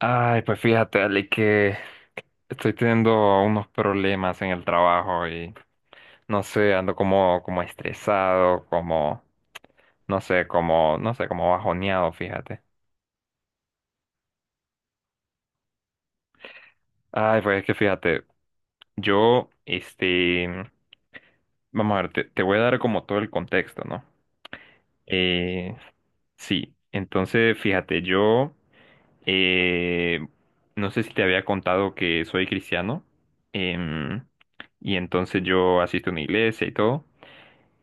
Ay, pues fíjate, Ale, que estoy teniendo unos problemas en el trabajo y no sé, ando como estresado, como, no sé, como, no sé, como bajoneado, fíjate. Ay, pues es que fíjate, yo, este, vamos a ver, te voy a dar como todo el contexto, ¿no? Eh, sí, entonces fíjate, yo Eh, no sé si te había contado que soy cristiano. em, y entonces yo asisto a una iglesia y todo.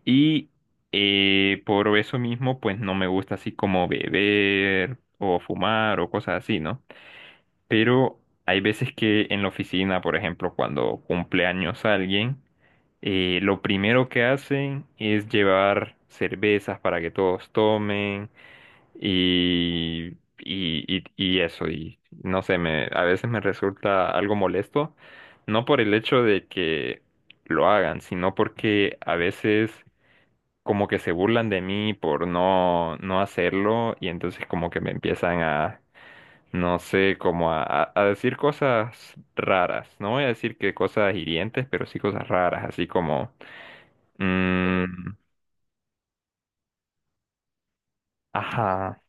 Y por eso mismo, pues no me gusta así como beber o fumar o cosas así, ¿no? Pero hay veces que en la oficina, por ejemplo, cuando cumple años alguien, lo primero que hacen es llevar cervezas para que todos tomen y, y eso, y no sé, a veces me resulta algo molesto, no por el hecho de que lo hagan, sino porque a veces como que se burlan de mí por no, no hacerlo y entonces como que me empiezan a, no sé, como a decir cosas raras, no voy a decir que cosas hirientes, pero sí cosas raras, así como, sí. Mm, ajá,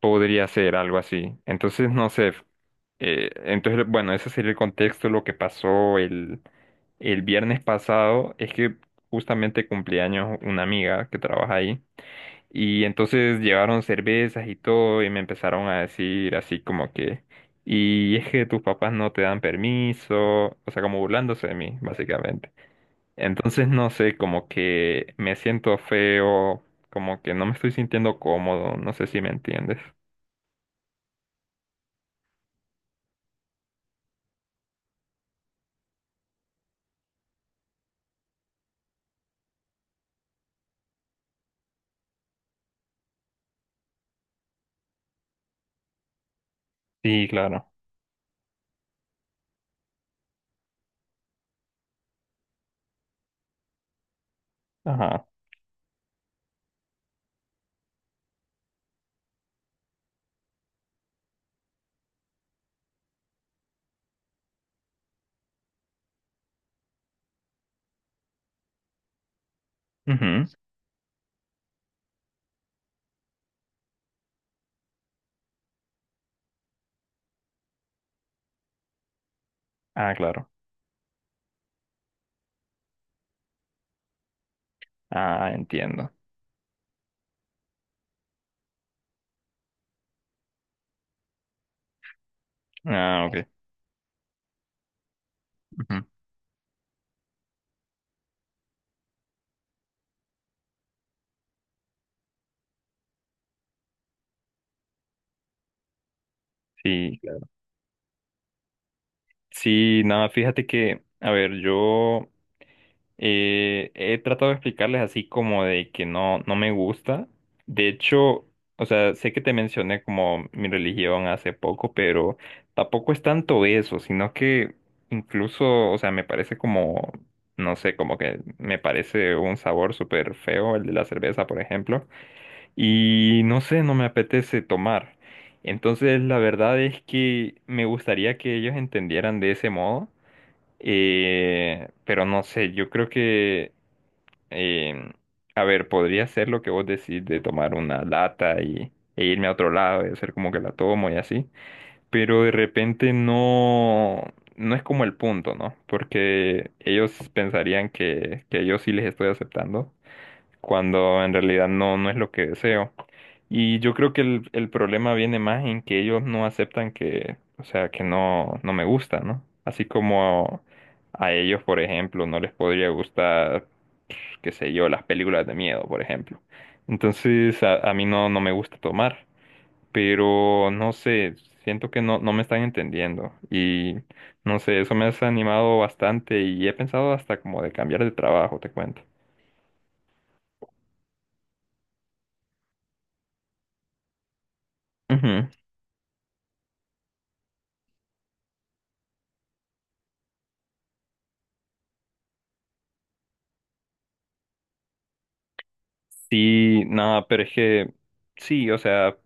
podría ser algo así, entonces no sé. Entonces, bueno, ese sería el contexto. Lo que pasó el viernes pasado es que justamente cumpleaños una amiga que trabaja ahí. Y entonces llevaron cervezas y todo y me empezaron a decir así como que, y es que tus papás no te dan permiso, o sea, como burlándose de mí, básicamente. Entonces, no sé, como que me siento feo, como que no me estoy sintiendo cómodo, no sé si me entiendes. Sí, claro. Ajá. Ujú. Ah, claro. Ah, entiendo. Ah, ok. Ujú. Sí, claro. Sí, nada, fíjate que, a ver, yo he tratado de explicarles así como de que no, no me gusta. De hecho, o sea, sé que te mencioné como mi religión hace poco, pero tampoco es tanto eso, sino que incluso, o sea, me parece como, no sé, como que me parece un sabor súper feo el de la cerveza, por ejemplo. Y no sé, no me apetece tomar. Entonces, la verdad es que me gustaría que ellos entendieran de ese modo, pero no sé, yo creo que, eh, a ver, podría ser lo que vos decís de tomar una lata y, e irme a otro lado y hacer como que la tomo y así, pero de repente no, no es como el punto, ¿no? Porque ellos pensarían que yo sí les estoy aceptando, cuando en realidad no, no es lo que deseo. Y yo creo que el problema viene más en que ellos no aceptan que, o sea, que no, no me gusta, ¿no? Así como a ellos, por ejemplo, no les podría gustar, pues, qué sé yo, las películas de miedo, por ejemplo. Entonces, a mí no, no me gusta tomar, pero no sé, siento que no, no me están entendiendo y no sé, eso me ha desanimado bastante y he pensado hasta como de cambiar de trabajo, te cuento. Ujú. Sí, nada, pero es que sí, o sea.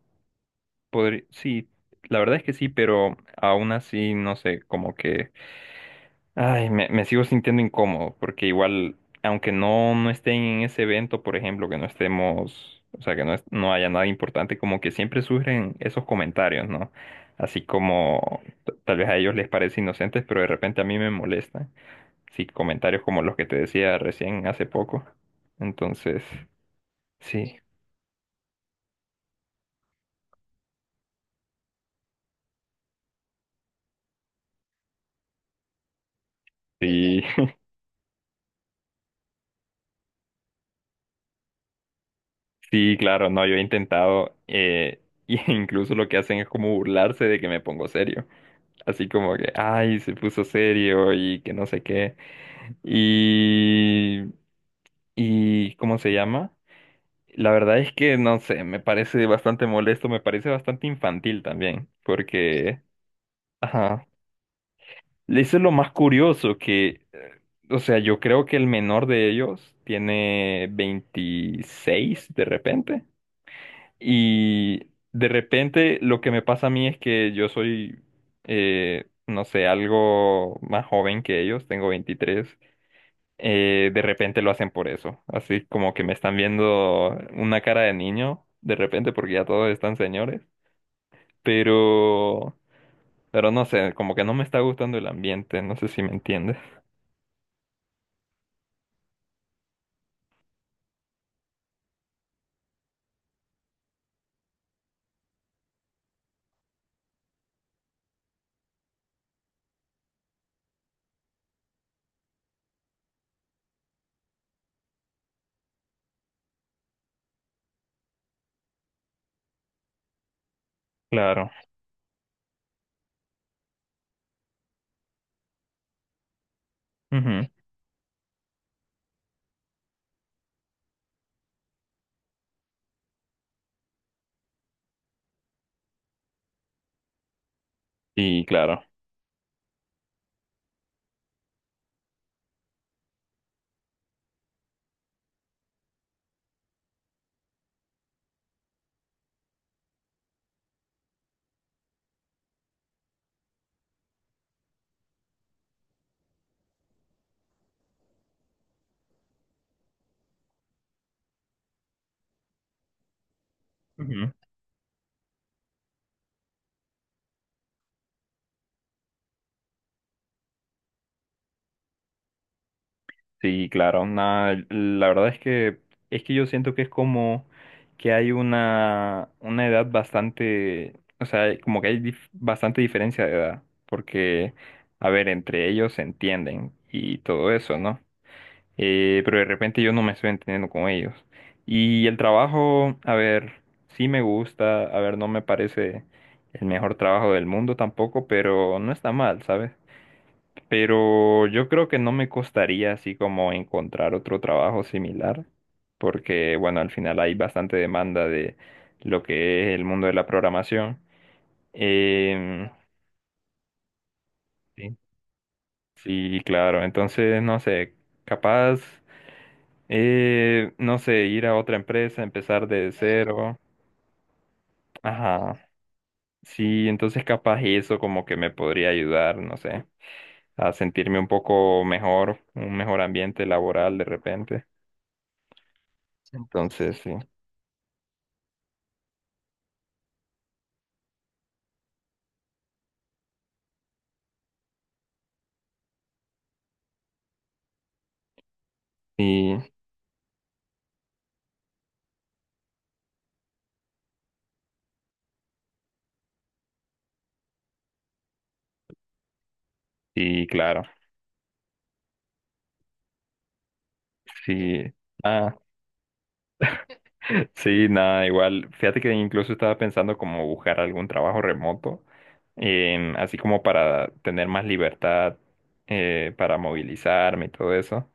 Podría, sí, la verdad es que sí, pero aún así, no sé, como que, ay, me sigo sintiendo incómodo, porque igual, aunque no, no estén en ese evento, por ejemplo, que no estemos, o sea, que no, no haya nada importante, como que siempre surgen esos comentarios, ¿no? Así como tal vez a ellos les parece inocentes, pero de repente a mí me molestan. Sí, comentarios como los que te decía recién hace poco. Entonces, sí, sí, sí, claro, no, yo he intentado, y incluso lo que hacen es como burlarse de que me pongo serio. Así como que, ay, se puso serio y que no sé qué. Y, y, ¿cómo se llama? La verdad es que, no sé, me parece bastante molesto, me parece bastante infantil también, porque, ajá, eso es lo más curioso que, o sea, yo creo que el menor de ellos tiene 26 de repente. Y de repente lo que me pasa a mí es que yo soy, no sé, algo más joven que ellos, tengo veintitrés, de repente lo hacen por eso, así como que me están viendo una cara de niño, de repente porque ya todos están señores, pero, pero no sé, como que no me está gustando el ambiente, no sé si me entiendes. Claro. Ujú. Sí, claro. Sí, claro, nada, la verdad es que yo siento que es como que hay una edad bastante, o sea, como que hay bastante diferencia de edad, porque, a ver, entre ellos se entienden y todo eso, ¿no? Pero de repente yo no me estoy entendiendo con ellos. Y el trabajo, a ver, sí me gusta, a ver, no me parece el mejor trabajo del mundo tampoco, pero no está mal, ¿sabes? Pero yo creo que no me costaría así como encontrar otro trabajo similar, porque bueno, al final hay bastante demanda de lo que es el mundo de la programación. Em, sí, sí, claro, entonces no sé, capaz, no sé, ir a otra empresa, empezar de cero. Ajá, sí, entonces capaz eso como que me podría ayudar, no sé, a sentirme un poco mejor, un mejor ambiente laboral de repente. Entonces, sí. Sí, sí, claro, sí, ah, sí, nada, igual, fíjate que incluso estaba pensando como buscar algún trabajo remoto, así como para tener más libertad, para movilizarme y todo eso,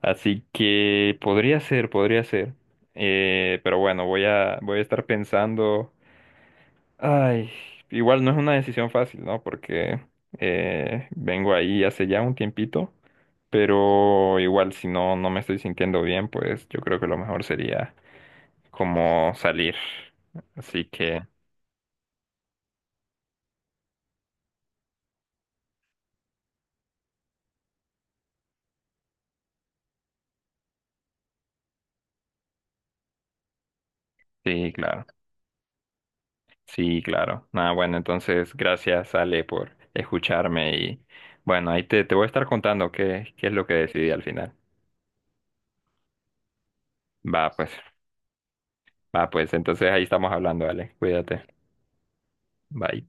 así que podría ser, pero bueno, voy a estar pensando. Ay, igual no es una decisión fácil, ¿no? Porque vengo ahí hace ya un tiempito, pero igual si no, no me estoy sintiendo bien, pues yo creo que lo mejor sería como salir. Así que, sí, claro, sí, claro. Nada, bueno, entonces gracias, Ale, por escucharme y bueno, ahí te voy a estar contando qué es lo que decidí al final. Va, pues, va, pues, entonces ahí estamos hablando, Ale, cuídate. Bye.